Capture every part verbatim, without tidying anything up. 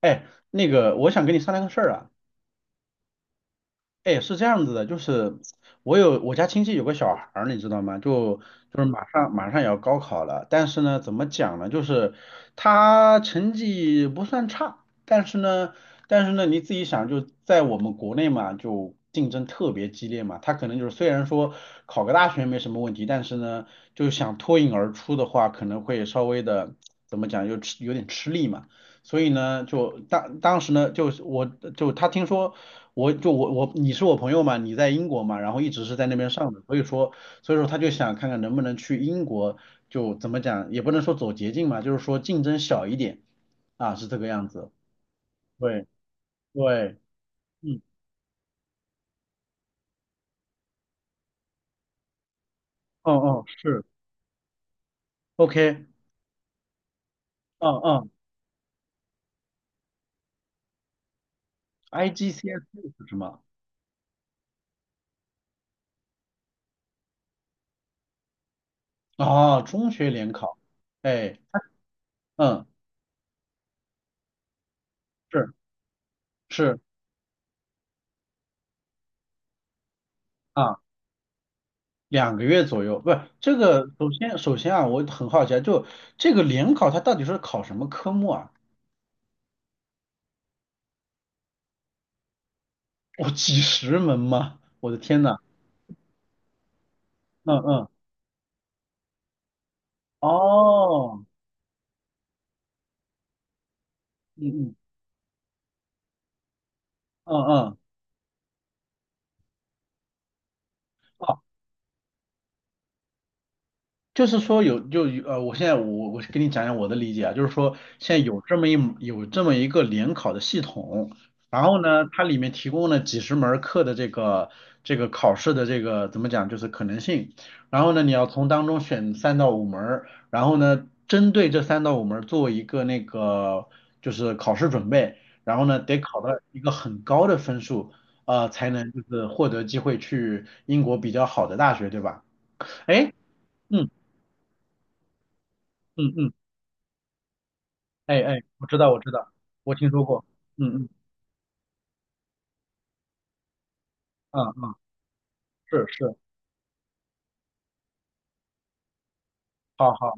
哎，那个，我想跟你商量个事儿啊。哎，是这样子的，就是我有我家亲戚有个小孩儿，你知道吗？就就是马上马上也要高考了，但是呢，怎么讲呢？就是他成绩不算差，但是呢，但是呢，你自己想，就在我们国内嘛，就竞争特别激烈嘛。他可能就是虽然说考个大学没什么问题，但是呢，就想脱颖而出的话，可能会稍微的怎么讲，就吃有点吃力嘛。所以呢，就当当时呢，就是我就他听说我就我我你是我朋友嘛，你在英国嘛，然后一直是在那边上的，所以说所以说他就想看看能不能去英国，就怎么讲也不能说走捷径嘛，就是说竞争小一点啊，是这个样子。对对，嗯，嗯嗯是，OK，嗯嗯，I G C S E 是什么？啊中学联考，哎，嗯是是。啊。两个月左右，不是这个。首先，首先啊，我很好奇啊，就这个联考它到底是考什么科目啊？哦，几十门吗？我的天呐，嗯嗯，哦，嗯嗯嗯嗯，就是说有就有呃，我现在我我跟你讲讲我的理解啊，就是说现在有这么一有这么一个联考的系统，然后呢，它里面提供了几十门儿课的这个这个考试的这个怎么讲，就是可能性，然后呢，你要从当中选三到五门儿然后呢，针对这三到五门儿做一个那个就是考试准备，然后呢，得考到一个很高的分数，呃，才能就是获得机会去英国比较好的大学，对吧？哎，嗯嗯嗯。哎哎，我知道，我知道，我听说过。嗯嗯嗯嗯，是是，好好，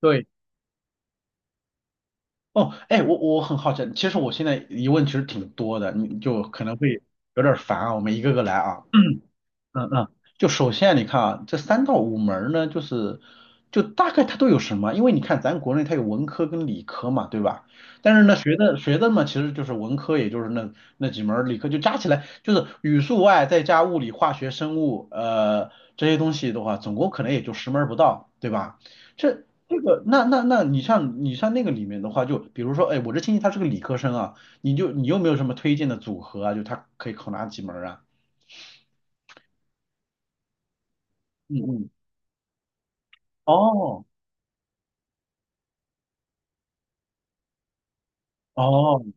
对。哦，哎，我我很好奇，其实我现在疑问其实挺多的，你就可能会有点儿烦啊，我们一个个来啊。嗯嗯，就首先你看啊，这三到五门儿呢，就是就大概它都有什么？因为你看咱国内它有文科跟理科嘛，对吧？但是呢，学的学的嘛，其实就是文科，也就是那那几门儿，理科就加起来就是语数外再加物理、化学、生物，呃，这些东西的话，总共可能也就十门儿不到，对吧？这这个那那那你像你像那个里面的话，就比如说，哎，我这亲戚他是个理科生啊，你就你有没有什么推荐的组合啊？就他可以考哪几门儿啊？嗯嗯，哦。哦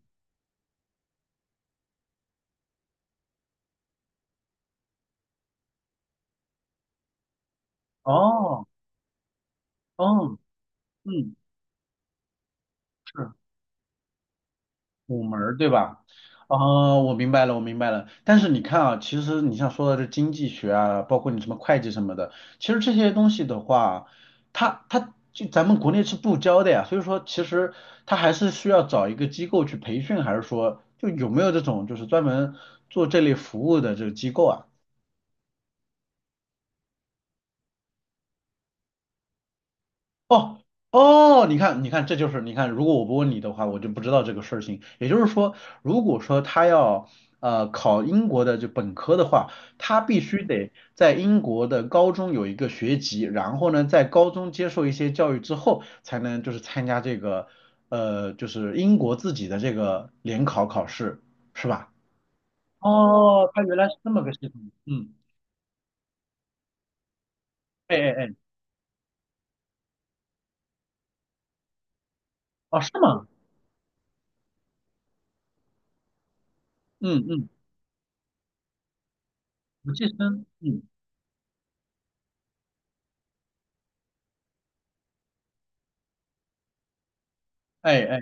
哦哦，嗯，是五门儿对吧？哦，我明白了，我明白了。但是你看啊，其实你像说的这经济学啊，包括你什么会计什么的，其实这些东西的话，它它就咱们国内是不教的呀。所以说，其实它还是需要找一个机构去培训，还是说就有没有这种就是专门做这类服务的这个机构啊？哦哦，你看，你看，这就是你看，如果我不问你的话，我就不知道这个事情。也就是说，如果说他要呃考英国的就本科的话，他必须得在英国的高中有一个学籍，然后呢，在高中接受一些教育之后，才能就是参加这个呃就是英国自己的这个联考考试，是吧？哦，他原来是这么个系统。嗯，哎哎哎，哦，是吗？嗯嗯，不计生，嗯，哎哎，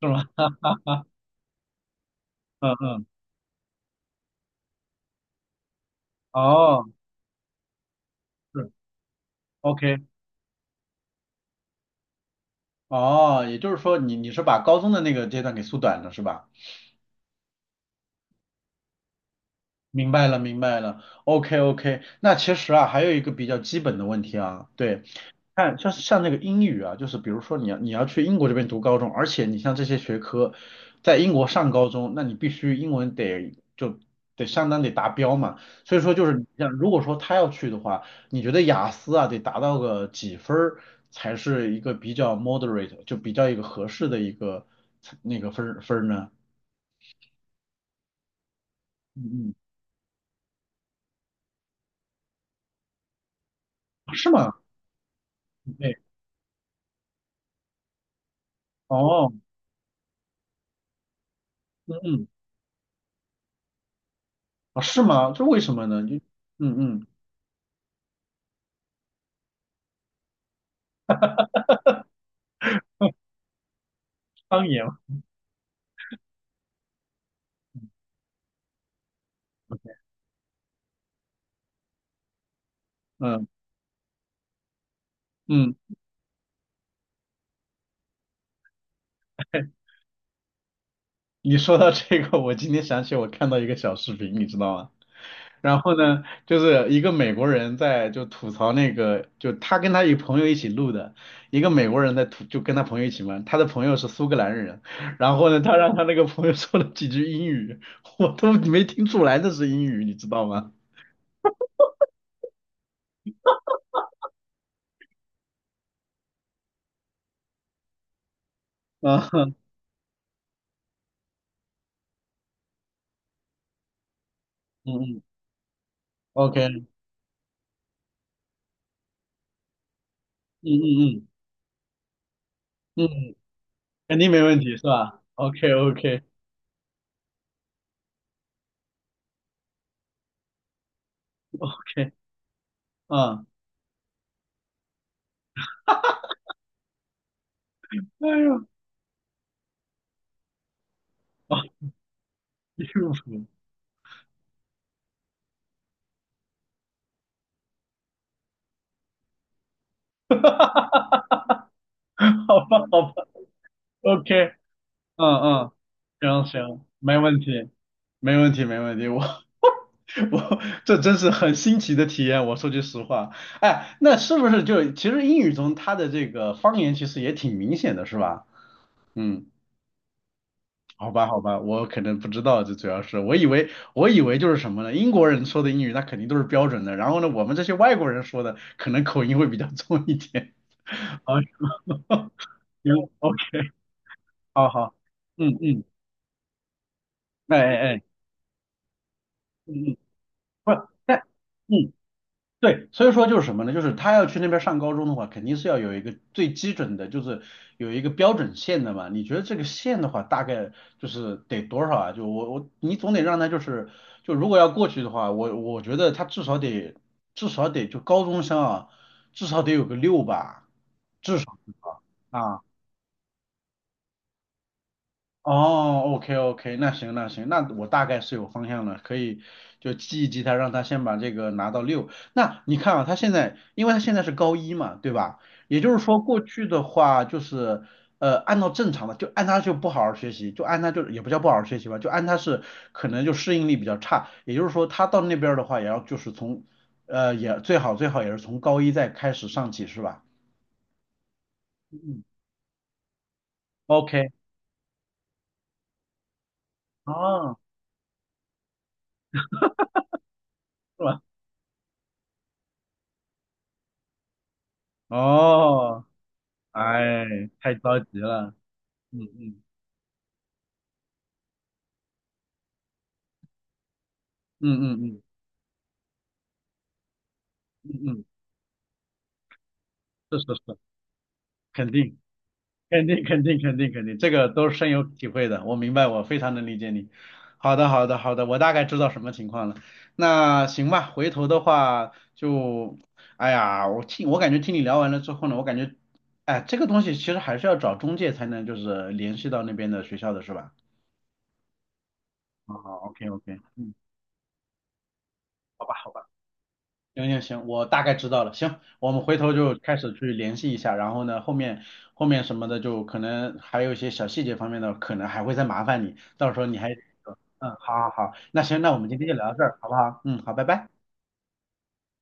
是吗？嗯嗯哦，是，OK，哦，也就是说你你是把高中的那个阶段给缩短了是吧？明白了，明白了，OK OK。那其实啊，还有一个比较基本的问题啊，对，看，像像那个英语啊，就是比如说你要你要去英国这边读高中，而且你像这些学科在英国上高中，那你必须英文得就得相当得达标嘛。所以说就是你像如果说他要去的话，你觉得雅思啊得达到个几分儿才是一个比较 moderate，就比较一个合适的一个那个分儿分儿呢？嗯嗯，啊是吗？对，哦，嗯嗯，啊是吗？这为什么呢？就嗯嗯，方言，嗯嗯。你说到这个，我今天想起我看到一个小视频，你知道吗？然后呢，就是一个美国人在就吐槽那个，就他跟他一朋友一起录的，一个美国人在吐，就跟他朋友一起嘛，他的朋友是苏格兰人，然后呢，他让他那个朋友说了几句英语，我都没听出来那是英语，你知道吗？啊，嗯嗯，OK，嗯嗯嗯嗯，肯定没问题是吧？OK OK OK，啊，哎呦，啊，离谱，好吧好吧，OK。嗯嗯，行行，没问题，没问题，没问题。我 我这真是很新奇的体验，我说句实话。哎，那是不是就其实英语中它的这个方言其实也挺明显的，是吧？嗯，好吧好吧，我可能不知道，这主要是我以为我以为就是什么呢？英国人说的英语那肯定都是标准的，然后呢，我们这些外国人说的可能口音会比较 重一点。好，行 ，OK，好好，嗯嗯，哎哎哎，嗯嗯，不，但嗯。对，所以说就是什么呢？就是他要去那边上高中的话，肯定是要有一个最基准的，就是有一个标准线的嘛。你觉得这个线的话，大概就是得多少啊？就我我你总得让他就是，就如果要过去的话，我我觉得他至少得至少得就高中生啊，至少得有个六吧，至少啊。哦，OK OK，那行那行，那我大概是有方向了，可以就记一记他，让他先把这个拿到六。那你看啊，他现在，因为他现在是高一嘛，对吧？也就是说，过去的话就是，呃，按照正常的，就按他就不好好学习，就按他就也不叫不好好学习吧，就按他是可能就适应力比较差，也就是说，他到那边儿的话，也要就是从，呃，也最好最好也是从高一再开始上起，是吧？嗯，OK，哦，是吧？哦。哎，太着急了，嗯嗯嗯嗯嗯嗯嗯，是是是，肯定肯定肯定肯定肯定，这个都是深有体会的，我明白，我非常能理解你。好的好的好的，我大概知道什么情况了。那行吧，回头的话就，哎呀，我听我感觉听你聊完了之后呢，我感觉，哎，这个东西其实还是要找中介才能就是联系到那边的学校的是吧？好好，OK OK，嗯，好吧好吧。行行行，我大概知道了。行，我们回头就开始去联系一下，然后呢，后面后面什么的，就可能还有一些小细节方面的，可能还会再麻烦你，到时候你还，嗯，好好好，那行，那我们今天就聊到这儿，好不好？嗯，好，拜拜。